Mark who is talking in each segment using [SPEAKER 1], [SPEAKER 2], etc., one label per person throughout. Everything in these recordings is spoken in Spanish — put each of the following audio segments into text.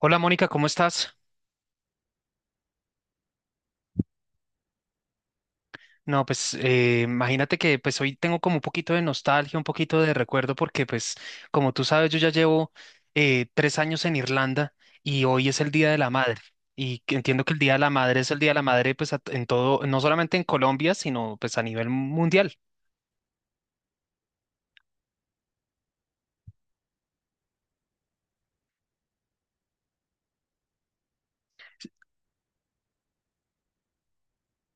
[SPEAKER 1] Hola Mónica, ¿cómo estás? No, pues imagínate que pues hoy tengo como un poquito de nostalgia, un poquito de recuerdo, porque pues como tú sabes, yo ya llevo tres años en Irlanda y hoy es el Día de la Madre. Y que entiendo que el Día de la Madre es el Día de la Madre pues en todo, no solamente en Colombia, sino pues a nivel mundial.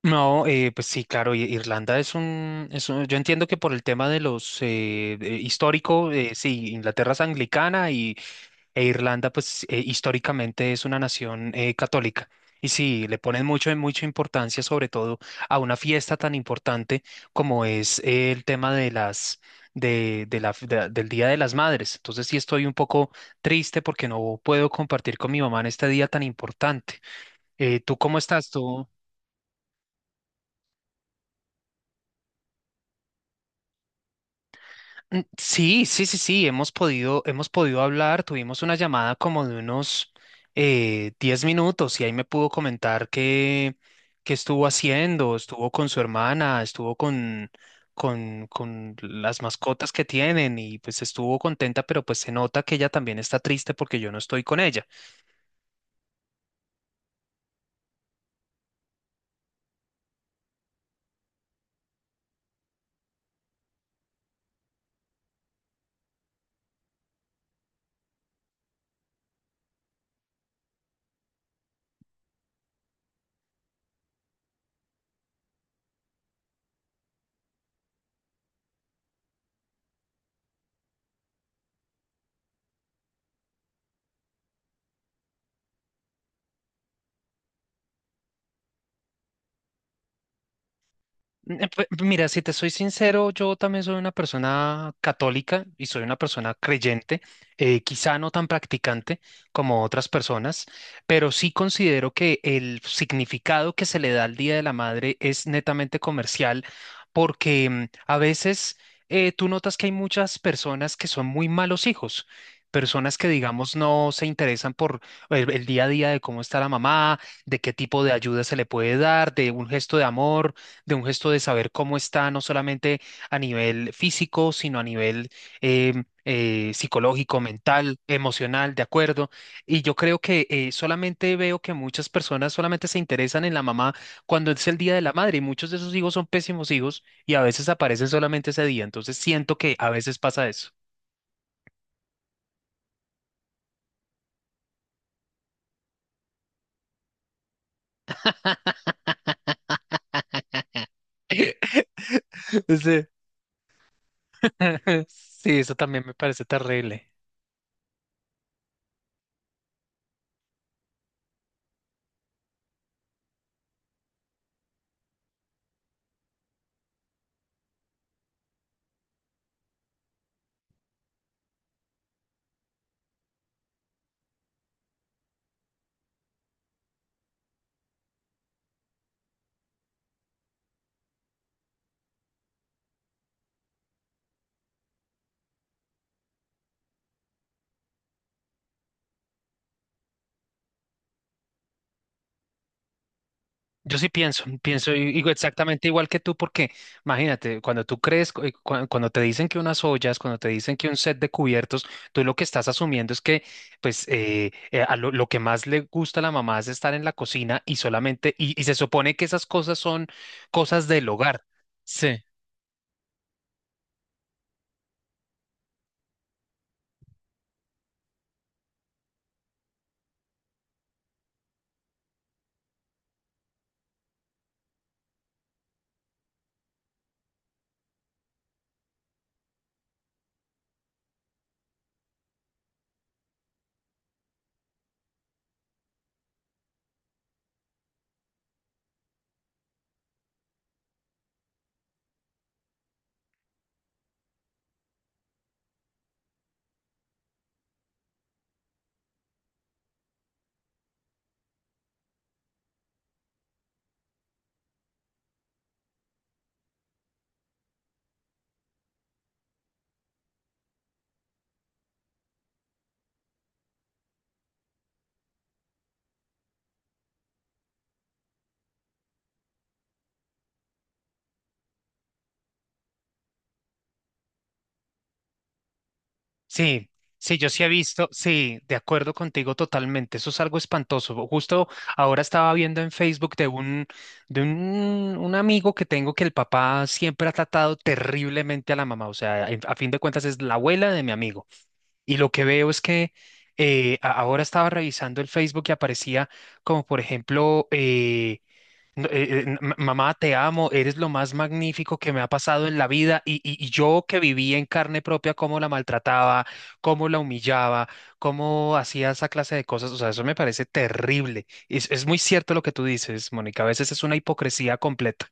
[SPEAKER 1] No, pues sí, claro, Irlanda es un, yo entiendo que por el tema de los histórico, sí, Inglaterra es anglicana. E Irlanda, pues históricamente es una nación católica. Y sí, le ponen mucho, mucha importancia, sobre todo a una fiesta tan importante como es el tema de las, de la, de- del Día de las Madres. Entonces sí estoy un poco triste porque no puedo compartir con mi mamá en este día tan importante. ¿Tú cómo estás? Tú sí, sí, sí, sí, hemos podido hablar, tuvimos una llamada como de unos 10 minutos y ahí me pudo comentar qué estuvo haciendo, estuvo con su hermana, estuvo con, con las mascotas que tienen y pues estuvo contenta, pero pues se nota que ella también está triste porque yo no estoy con ella. Mira, si te soy sincero, yo también soy una persona católica y soy una persona creyente, quizá no tan practicante como otras personas, pero sí considero que el significado que se le da al Día de la Madre es netamente comercial, porque a veces tú notas que hay muchas personas que son muy malos hijos. Personas que, digamos, no se interesan por el día a día de cómo está la mamá, de qué tipo de ayuda se le puede dar, de un gesto de amor, de un gesto de saber cómo está, no solamente a nivel físico, sino a nivel psicológico, mental, emocional, de acuerdo. Y yo creo que solamente veo que muchas personas solamente se interesan en la mamá cuando es el día de la madre y muchos de esos hijos son pésimos hijos y a veces aparecen solamente ese día. Entonces siento que a veces pasa eso. Sí, sí, eso también me parece terrible. Yo sí pienso, exactamente igual que tú, porque imagínate, cuando tú cuando te dicen que unas ollas, cuando te dicen que un set de cubiertos, tú lo que estás asumiendo es que, pues, lo que más le gusta a la mamá es estar en la cocina y solamente, y se supone que esas cosas son cosas del hogar. Sí. Sí, sí, yo sí he visto, sí, de acuerdo contigo totalmente, eso es algo espantoso. Justo ahora estaba viendo en Facebook de un amigo que tengo que el papá siempre ha tratado terriblemente a la mamá, o sea, a fin de cuentas es la abuela de mi amigo. Y lo que veo es que ahora estaba revisando el Facebook y aparecía como, por ejemplo, no, ma- mamá, te amo, eres lo más magnífico que me ha pasado en la vida y yo que viví en carne propia cómo la maltrataba, cómo la humillaba, cómo hacía esa clase de cosas, o sea, eso me parece terrible. Es muy cierto lo que tú dices, Mónica, a veces es una hipocresía completa.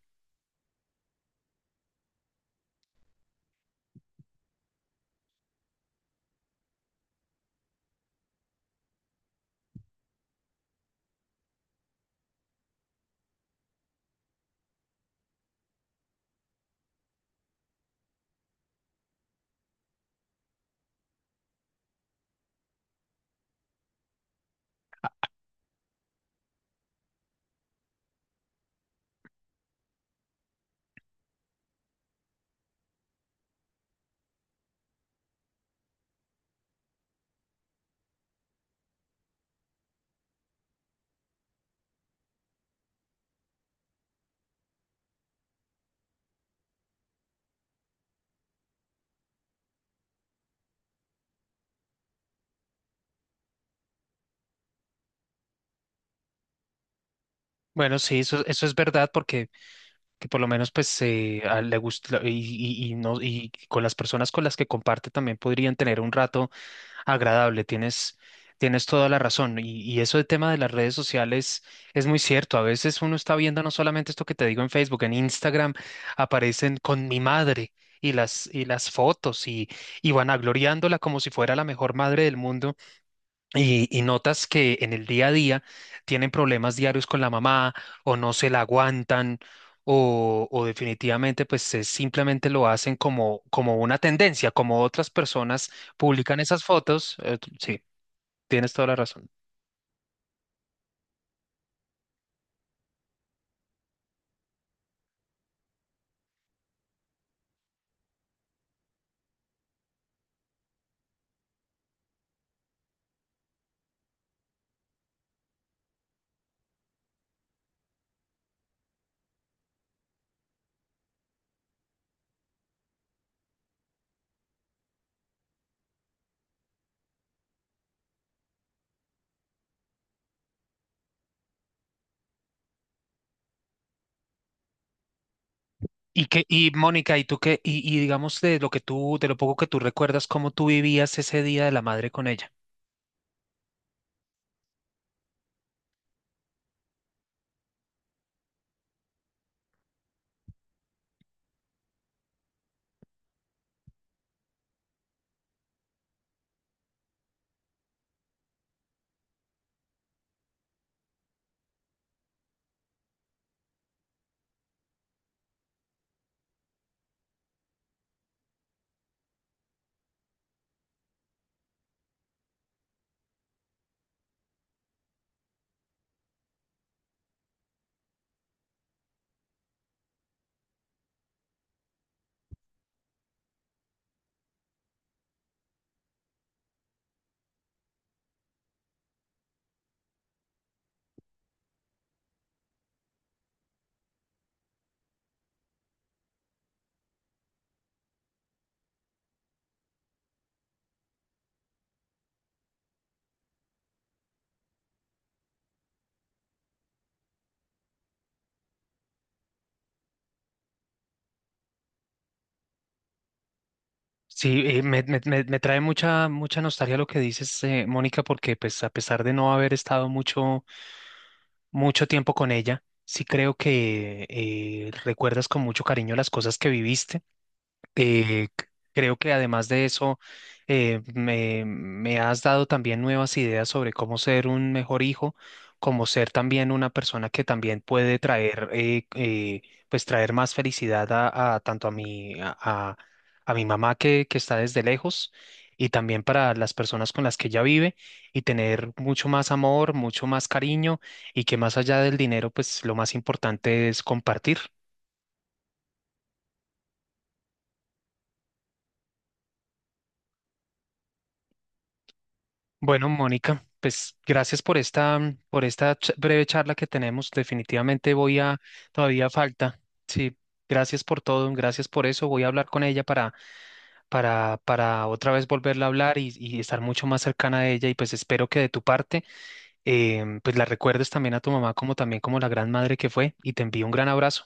[SPEAKER 1] Bueno, sí, eso es verdad porque que por lo menos pues le gusta y no, y con las personas con las que comparte también podrían tener un rato agradable. Tienes toda la razón. Y eso del tema de las redes sociales es muy cierto. A veces uno está viendo no solamente esto que te digo en Facebook, en Instagram aparecen con mi madre y las fotos y vanagloriándola como si fuera la mejor madre del mundo. Y notas que en el día a día tienen problemas diarios con la mamá o no se la aguantan o definitivamente pues simplemente lo hacen como, como una tendencia, como otras personas publican esas fotos. Sí, tienes toda la razón. Y que, y Mónica, ¿y tú qué? Y digamos de lo que tú, de lo poco que tú recuerdas, cómo tú vivías ese día de la madre con ella. Sí, me trae mucha, mucha nostalgia lo que dices, Mónica, porque pues a pesar de no haber estado mucho mucho tiempo con ella. Sí creo que recuerdas con mucho cariño las cosas que viviste. Eh, c- creo que además de eso, me has dado también nuevas ideas sobre cómo ser un mejor hijo, cómo ser también una persona que también puede traer, pues traer más felicidad a tanto a mi mamá que está desde lejos y también para las personas con las que ella vive y tener mucho más amor, mucho más cariño y que más allá del dinero, pues lo más importante es compartir. Bueno, Mónica, pues gracias por esta breve charla que tenemos. Definitivamente voy a, todavía falta. Sí, gracias por todo, gracias por eso. Voy a hablar con ella para otra vez volverla a hablar y estar mucho más cercana a ella. Y pues espero que de tu parte, pues la recuerdes también a tu mamá como también como la gran madre que fue. Y te envío un gran abrazo.